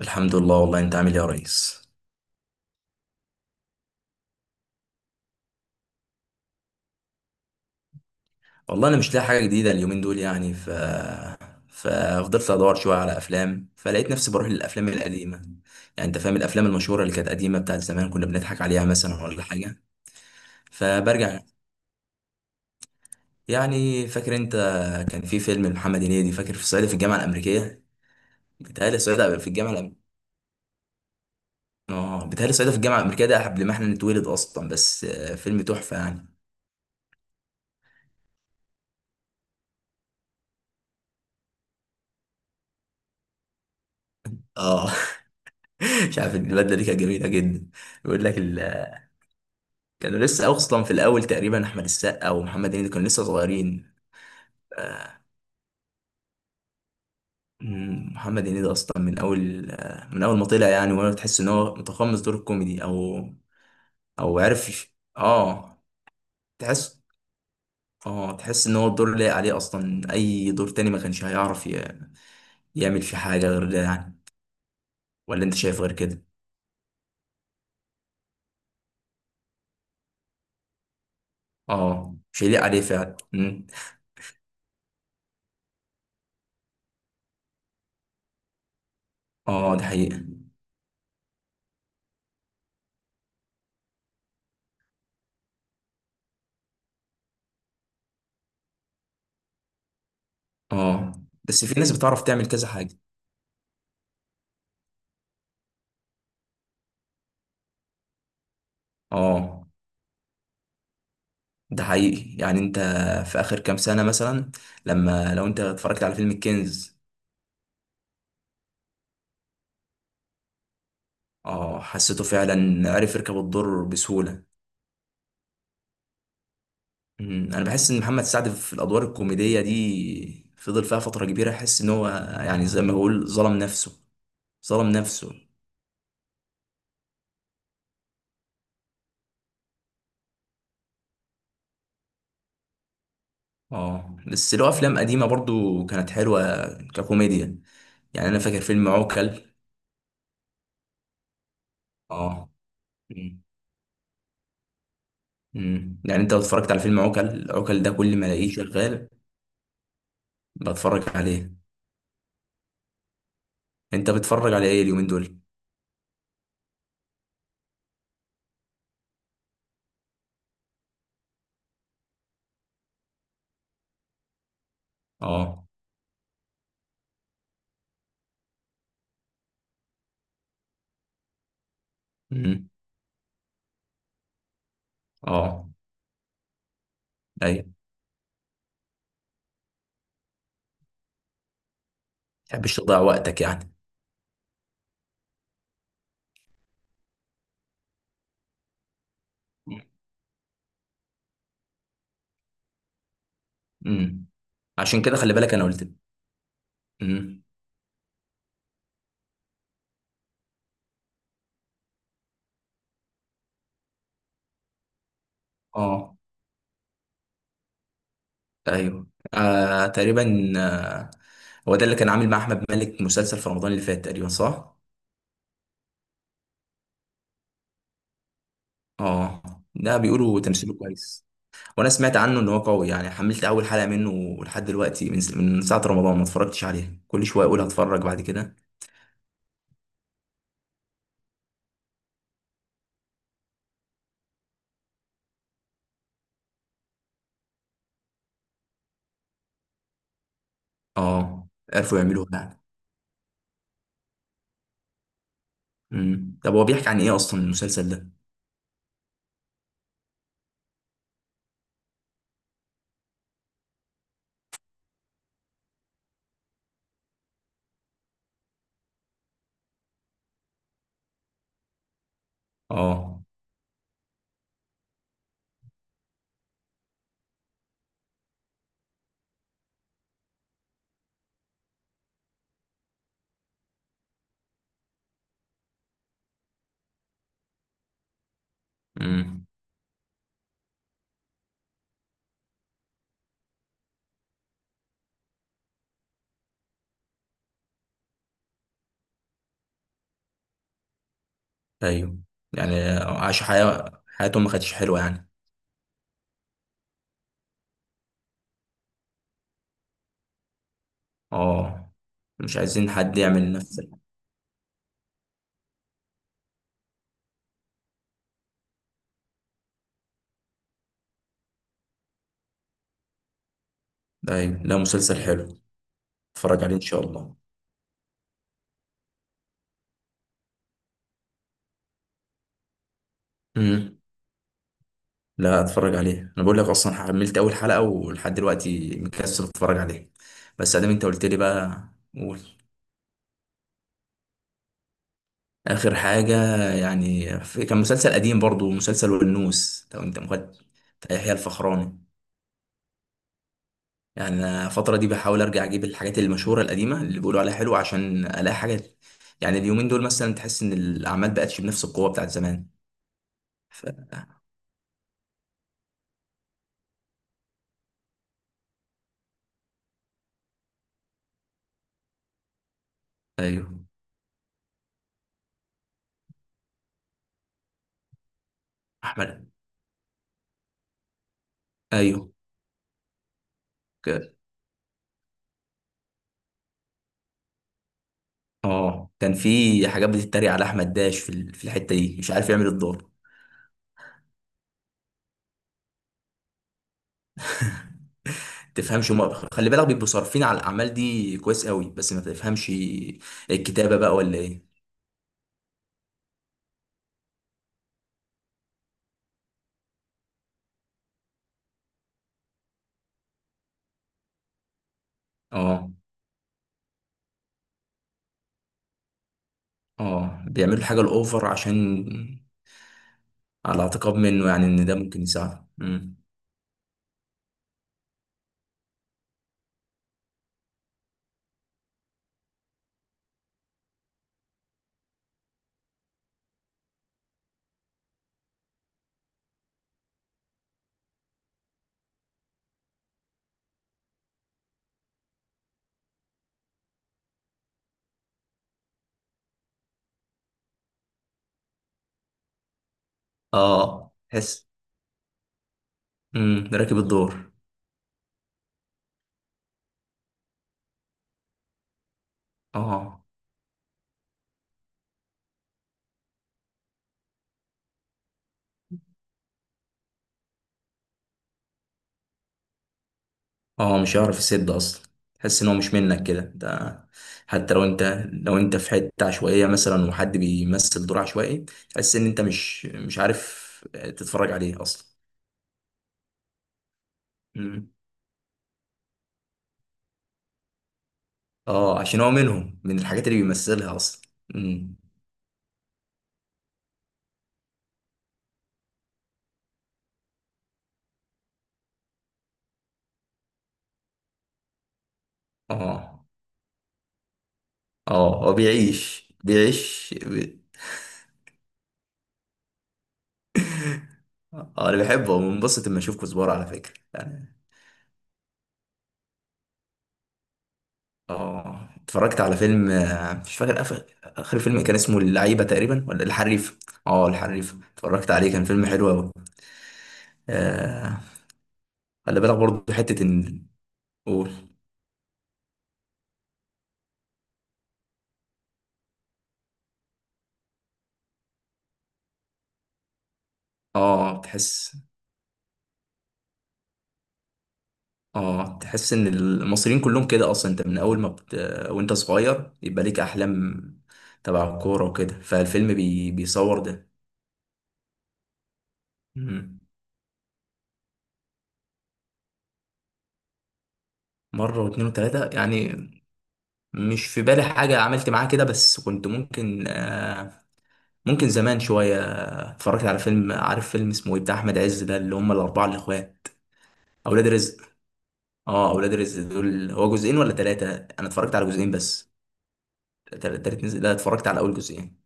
الحمد لله والله. انت عامل ايه يا ريس؟ والله انا مش لاقي حاجه جديده اليومين دول، يعني ففضلت ادور شويه على افلام، فلقيت نفسي بروح للافلام القديمه. يعني انت فاهم الافلام المشهوره اللي كانت قديمه، بتاعت زمان كنا بنضحك عليها مثلا ولا حاجه. فبرجع يعني فاكر انت، كان في فيلم محمد هنيدي، فاكر؟ في صعيدي في الجامعه الامريكيه. بيتهيألي صعيدي في الجامعه الأم... اه بيتهيألي صعيدي في الجامعه الامريكيه ده قبل ما احنا نتولد اصلا، بس فيلم تحفه يعني. اه. مش عارف، البلد دي كانت جميله جدا. بيقول لك ال- كانوا لسه اصلا في الاول تقريبا، احمد السقا ومحمد هنيدي كانوا لسه صغيرين. محمد هنيدي اصلا من اول، من اول ما طلع يعني، وانا تحس ان هو متقمص دور الكوميدي او او عارف يش- اه تحس اه تحس ان هو الدور لايق عليه اصلا. اي دور تاني ما كانش هيعرف يعمل فيه حاجه غير ده يعني. ولا انت شايف غير كده؟ اه، مش هيليق عليه فعلا. مم. اه، ده حقيقه. اه، بس في ناس بتعرف تعمل كذا حاجه. اه، ده حقيقي. يعني انت في اخر كام سنة مثلا، لو انت اتفرجت على فيلم الكنز. اه، حسيته فعلا عرف يركب الدور بسهولة. انا بحس ان محمد سعد في الادوار الكوميدية دي فضل فيها فترة كبيرة. احس ان هو، يعني زي ما بقول، ظلم نفسه. ظلم نفسه. اه، بس له افلام قديمة برضو كانت حلوة ككوميديا. يعني انا فاكر فيلم عوكل. اه. مم، مم. يعني انت لو اتفرجت على فيلم عوكل، عوكل ده كل ما الاقيه شغال بتفرج عليه. انت بتتفرج على ايه اليومين دول؟ اه. امم. اه. ايوه. ما تحبش تضيع وقتك يعني. امم. عشان كده خلي بالك انا قلت. امم. اه. ايوه. آه تقريبا. هو ده اللي كان عامل مع احمد مالك مسلسل في رمضان اللي فات تقريبا، صح؟ اه، ده بيقولوا تمثيله كويس. وانا سمعت عنه ان هو قوي يعني. حملت اول حلقة منه، لحد دلوقتي من ساعة رمضان ما اتفرجتش عليها. كل شوية اقول هتفرج بعد كده. اه، عرفوا يعملوها يعني. امم، طب هو بيحكي عن ايه اصلا المسلسل ده؟ اه. امم. ايوه. يعني عاشوا حياتهم ما كانتش حلوة يعني. اه، مش عايزين حد يعمل نفس ال-. ايوه، لا، مسلسل حلو. اتفرج عليه ان شاء الله. امم، لا، اتفرج عليه. انا بقول لك اصلا حملت اول حلقة، ولحد دلوقتي مكسل اتفرج عليه. بس ادام انت قلت لي بقى. قول. اخر حاجة يعني، كان مسلسل قديم برضو، مسلسل والنوس لو انت مخد. بتاع يحيى الفخراني. يعني أنا الفترة دي بحاول أرجع أجيب الحاجات المشهورة القديمة اللي بيقولوا عليها حلوة، عشان ألاقي حاجات. يعني اليومين دول مثلا تحس إن الأعمال بقتش بنفس القوة بتاعت زمان. ف... أيوه. أحمد. أيوه. ك... آه كان في حاجات بتتريق على أحمد داش في في الحتة دي، مش عارف يعمل الدور. تفهمش، هما خلي بالك بيبقوا صارفين على الأعمال دي كويس قوي، بس ما تفهمش الكتابة بقى ولا إيه؟ آه بيعملوا الحاجة الأوفر، عشان على اعتقاد منه يعني إن ده ممكن يساعده. اه تحس. امم، راكب الدور. اه، اه، مش هيعرف يسد اصلا. تحس ان هو مش منك كده انت. حتى لو انت لو انت في حته عشوائيه مثلا، وحد بيمثل دور عشوائي، تحس ان انت مش عارف تتفرج عليه اصلا. امم، اه، عشان هو منهم، من الحاجات اللي بيمثلها اصلا. امم. اه، اه، هو بيعيش، بيعيش. اه، انا بحبه وبنبسط لما اشوف كزبره على فكره يعني. اه، اتفرجت على فيلم، مش فاكر، آخر فيلم كان اسمه اللعيبة تقريبا ولا الحريف. اه، الحريف، اتفرجت عليه، كان فيلم حلو أوي. آه خلي بالك برضه حتة إن. قول. اه تحس. اه، تحس إن المصريين كلهم كده أصلا. أنت من أول ما وأنت صغير يبقى ليك أحلام تبع الكورة وكده، فالفيلم بيصور ده. مم. مرة واتنين وتلاتة يعني. مش في بالي حاجة عملت معاه كده، بس كنت ممكن زمان شوية. اتفرجت على فيلم، عارف فيلم اسمه ايه بتاع أحمد عز ده، اللي هم الأربعة الإخوات؟ أولاد رزق. اه، أولاد رزق دول هو جزئين ولا تلاتة؟ أنا اتفرجت على جزئين بس. تالت نزل. لا، اتفرجت على أول جزئين.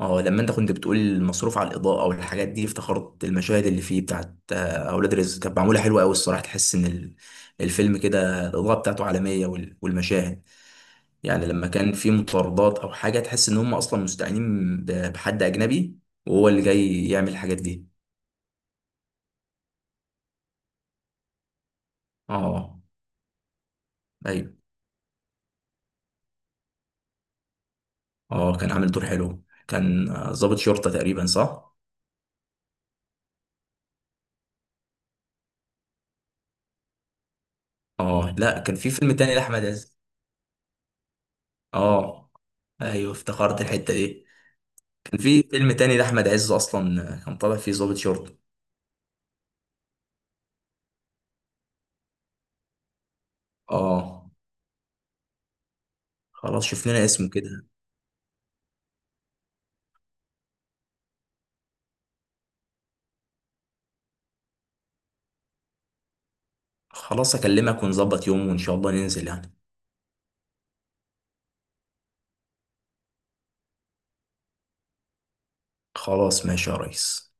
اه، لما أنت كنت بتقول المصروف على الإضاءة والحاجات دي، افتخرت المشاهد اللي فيه بتاعت أولاد رزق كانت معمولة حلوة أوي الصراحة. تحس إن الفيلم كده الإضاءة بتاعته عالمية، والمشاهد، يعني لما كان في مطاردات أو حاجة، تحس إن هم أصلا مستعينين بحد أجنبي، وهو اللي جاي يعمل الحاجات دي. اه. ايوه. اه، كان عامل دور حلو، كان ضابط شرطة تقريبا، صح؟ اه، لا، كان في فيلم تاني لأحمد عز. اه، ايوه، افتكرت الحتة دي. كان في فيلم تاني لأحمد عز اصلا، كان طالع فيه ضابط شرطة. اه، خلاص شوف لنا اسمه كده. خلاص، اكلمك ونظبط يوم، وان شاء الله ننزل يعني. خلاص، ماشي يا ريس.